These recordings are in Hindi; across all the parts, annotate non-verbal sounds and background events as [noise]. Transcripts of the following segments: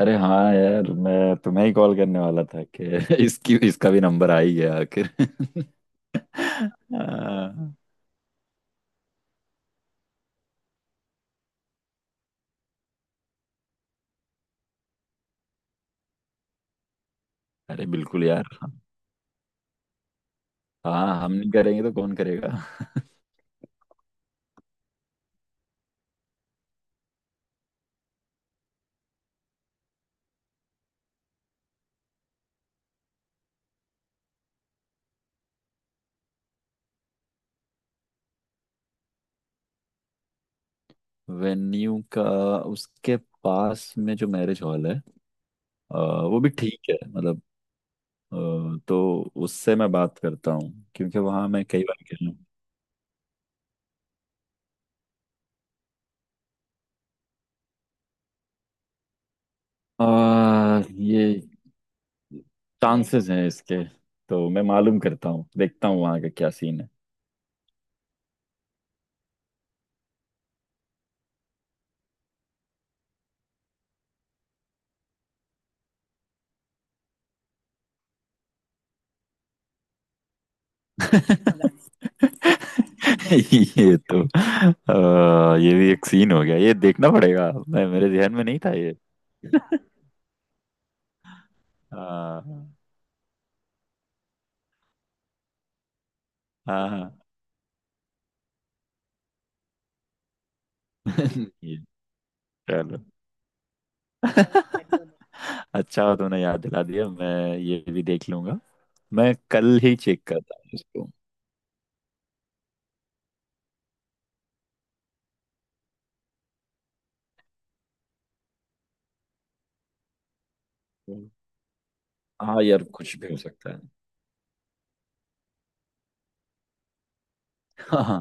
अरे हाँ यार मैं तुम्हें ही कॉल करने वाला था कि [laughs] इसकी इसका भी नंबर आ ही गया आखिर। हाँ। अरे बिल्कुल यार। हाँ, हम नहीं करेंगे तो कौन करेगा। [laughs] वेन्यू का उसके पास में जो मैरिज हॉल है, अ, वो भी ठीक है मतलब। तो उससे मैं बात करता हूँ क्योंकि वहाँ मैं कई बार गया हूँ। ये चांसेस हैं इसके, तो मैं मालूम करता हूँ, देखता हूँ वहाँ का क्या सीन है। [laughs] ये तो ये भी एक सीन हो गया, ये देखना पड़ेगा, मैं मेरे ध्यान में नहीं था ये। हाँ हाँ हाँ। [laughs] ये, चलो, अच्छा हुआ तुमने याद दिला दिया, मैं ये भी देख लूंगा। मैं कल ही चेक करता हूँ इसको। हाँ यार कुछ भी हो सकता है। हाँ हाँ।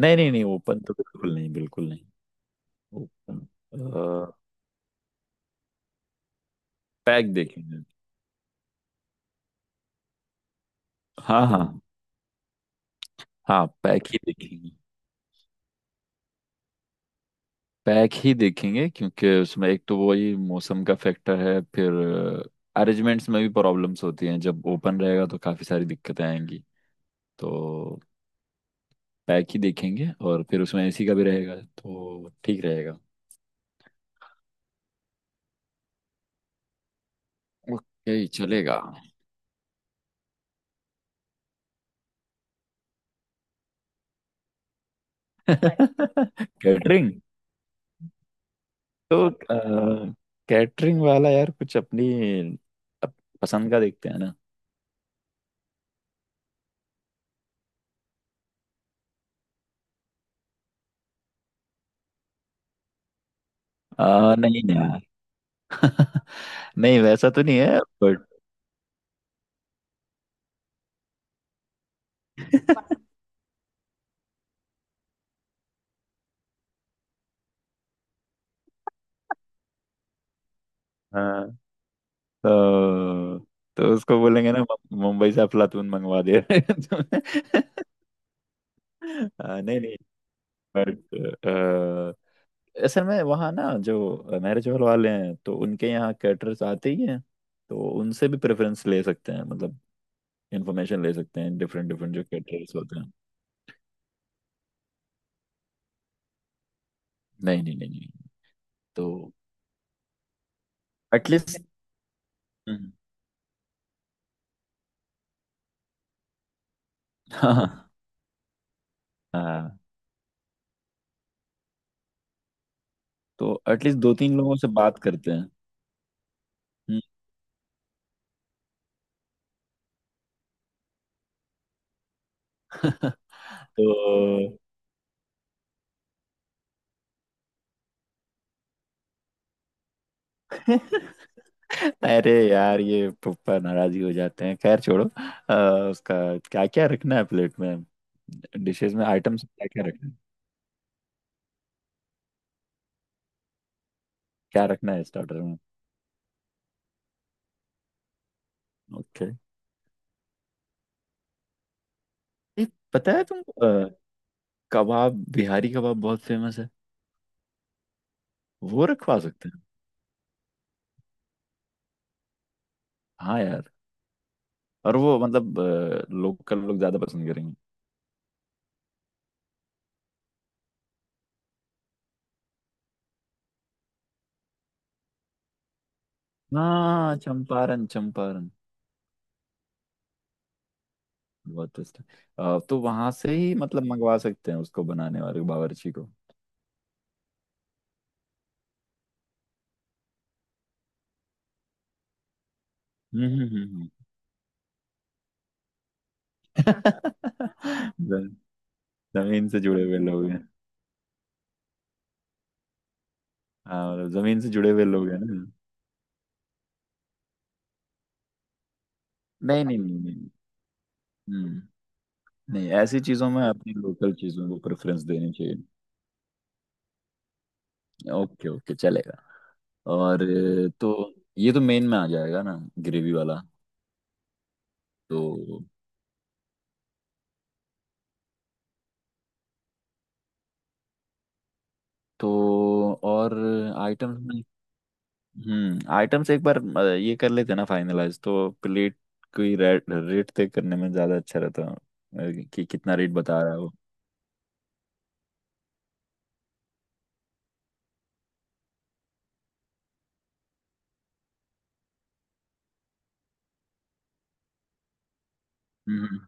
नहीं नहीं नहीं, ओपन तो बिल्कुल नहीं, बिल्कुल नहीं ओपन। पैक देखेंगे। हाँ हाँ। हाँ पैक ही देखेंगे। पैक ही देखेंगे क्योंकि उसमें एक तो वही मौसम का फैक्टर है, फिर अरेंजमेंट्स में भी प्रॉब्लम्स होती हैं। जब ओपन रहेगा तो काफ़ी सारी दिक्कतें आएंगी, तो पैक ही देखेंगे और फिर उसमें एसी का भी रहेगा तो ठीक रहेगा। ओके चलेगा। [laughs] कैटरिंग। तो कैटरिंग वाला यार कुछ अपनी अप- पसंद का देखते हैं ना। नहीं यार, [laughs] नहीं वैसा तो नहीं है, बट तो, तो उसको बोलेंगे ना मुंबई से अफलातून मंगवा दे। [laughs] नहीं नहीं, बट असल में वहाँ ना जो मैरिज हॉल वाले हैं, तो उनके यहाँ कैटरर्स आते ही हैं, तो उनसे भी प्रेफरेंस ले सकते हैं, मतलब इन्फॉर्मेशन ले सकते हैं, डिफरेंट डिफरेंट जो कैटरर्स होते हैं। नहीं नहीं नहीं नहीं। तो एटलीस्ट हाँ। [laughs] हाँ, तो एटलीस्ट दो तीन लोगों से बात करते हैं। हम्म। [laughs] तो [laughs] अरे यार ये पप्पा नाराज ही हो जाते हैं, खैर छोड़ो। अ, उसका क्या क्या रखना है प्लेट में, डिशेस में, आइटम्स क्या क्या रखना है। क्या रखना है स्टार्टर में। ओके। ये पता है तुमको कबाब, बिहारी कबाब बहुत फेमस है, वो रखवा सकते हैं। हाँ यार। और वो मतलब लोकल लोग ज्यादा पसंद करेंगे। हाँ चंपारण चंपारण। बहुत टेस्ट है। तो वहां से ही मतलब मंगवा सकते हैं उसको, बनाने वाले बावर्ची को। हम्म। हम्म। [laughs] जमीन से जुड़े हुए लोग हैं। हाँ, मतलब जमीन से जुड़े हुए लोग हैं ना। नहीं नहीं नहीं नहीं। हम्म। नहीं, ऐसी चीजों में अपनी लोकल चीजों को प्रेफरेंस देनी चाहिए। ओके ओके चलेगा। और तो ये तो मेन में आ जाएगा ना, ग्रेवी वाला। तो तो और आइटम्स में। हम्म, आइटम्स एक बार ये कर लेते हैं ना फाइनलाइज, तो प्लेट की रेट रेट तय करने में ज्यादा अच्छा रहता है। कि कितना रेट बता रहा है वो। हम्म।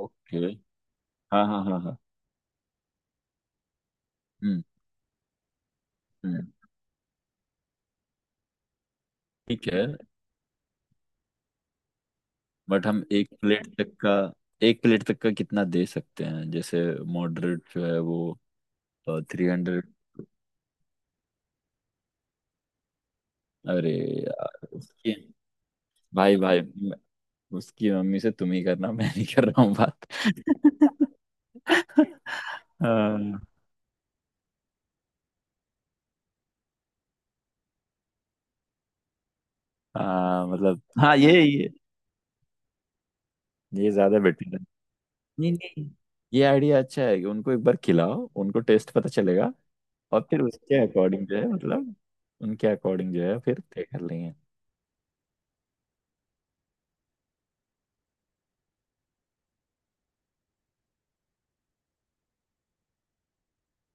ओके। हाँ हाँ हाँ हाँ। हम्म हम्म। ठीक है। बट हम एक प्लेट तक का, एक प्लेट तक का कितना दे सकते हैं, जैसे मॉडरेट जो है वो थ्री हंड्रेड। अरे यार उसकी भाई भाई मैं- उसकी मम्मी से तुम ही करना, मैं नहीं कर रहा हूँ बात। [laughs] हाँ। हाँ, मतलब हाँ ये ज्यादा बेटर है। नहीं नहीं, ये आइडिया अच्छा है कि उनको एक बार खिलाओ, उनको टेस्ट पता चलेगा। और फिर उसके अकॉर्डिंग जो है मतलब उनके अकॉर्डिंग जो है फिर तय कर लेंगे।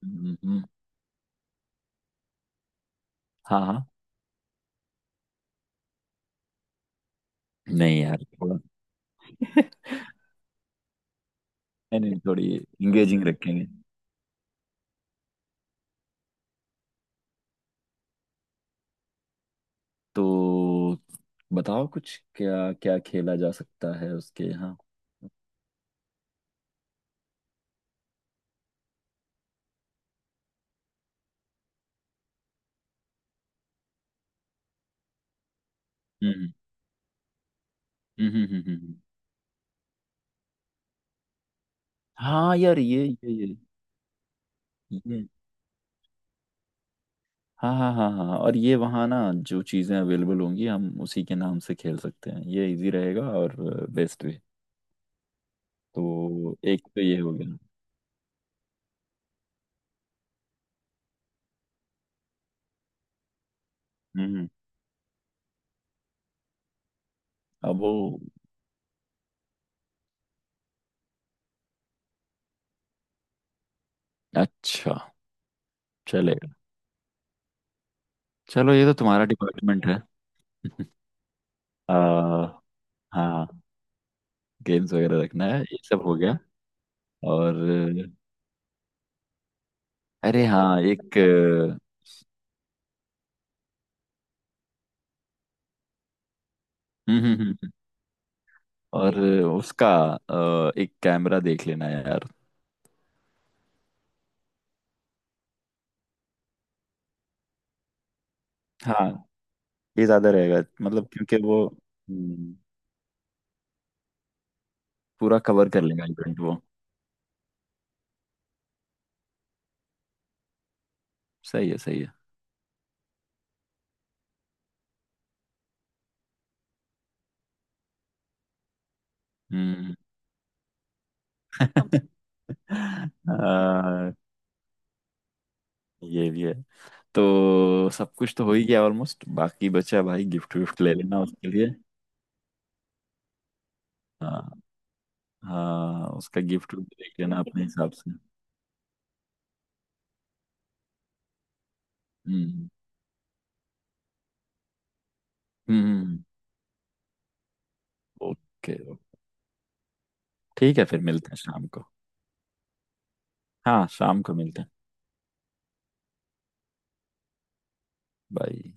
हम्म। हाँ हाँ। नहीं यार थोड़ा, नहीं नहीं, थोड़ी इंगेजिंग रखेंगे। तो बताओ कुछ क्या क्या खेला जा सकता है उसके यहाँ। हम्म हम्म हम्म हम्म, हम्म। हाँ यार ये ये। हाँ हाँ हाँ हाँ हाँ, और ये वहाँ ना जो चीज़ें अवेलेबल होंगी हम उसी के नाम से खेल सकते हैं, ये इजी रहेगा और बेस्ट भी। तो एक तो ये हो गया। हम्म। अब वो अच्छा। चलेगा। चलो ये तो तुम्हारा डिपार्टमेंट है। आ, हाँ, गेम्स वगैरह रखना है, ये सब हो गया। और अरे हाँ एक हम्म हम्म, हम्म, और उसका एक कैमरा देख लेना यार। हाँ, ये ज्यादा रहेगा मतलब क्योंकि वो पूरा कवर कर लेगा इवेंट वो। सही है सही है। हम्म। [laughs] अ, ये भी है। तो सब कुछ तो हो ही गया ऑलमोस्ट, बाकी बचा भाई, गिफ्ट विफ्ट ले लेना उसके लिए। हाँ। हाँ उसका गिफ्ट विफ्ट देख लेना अपने हिसाब से। हम्म हम्म। ओके। ठीक है, फिर मिलते हैं शाम को। हाँ शाम को मिलते हैं। बाय।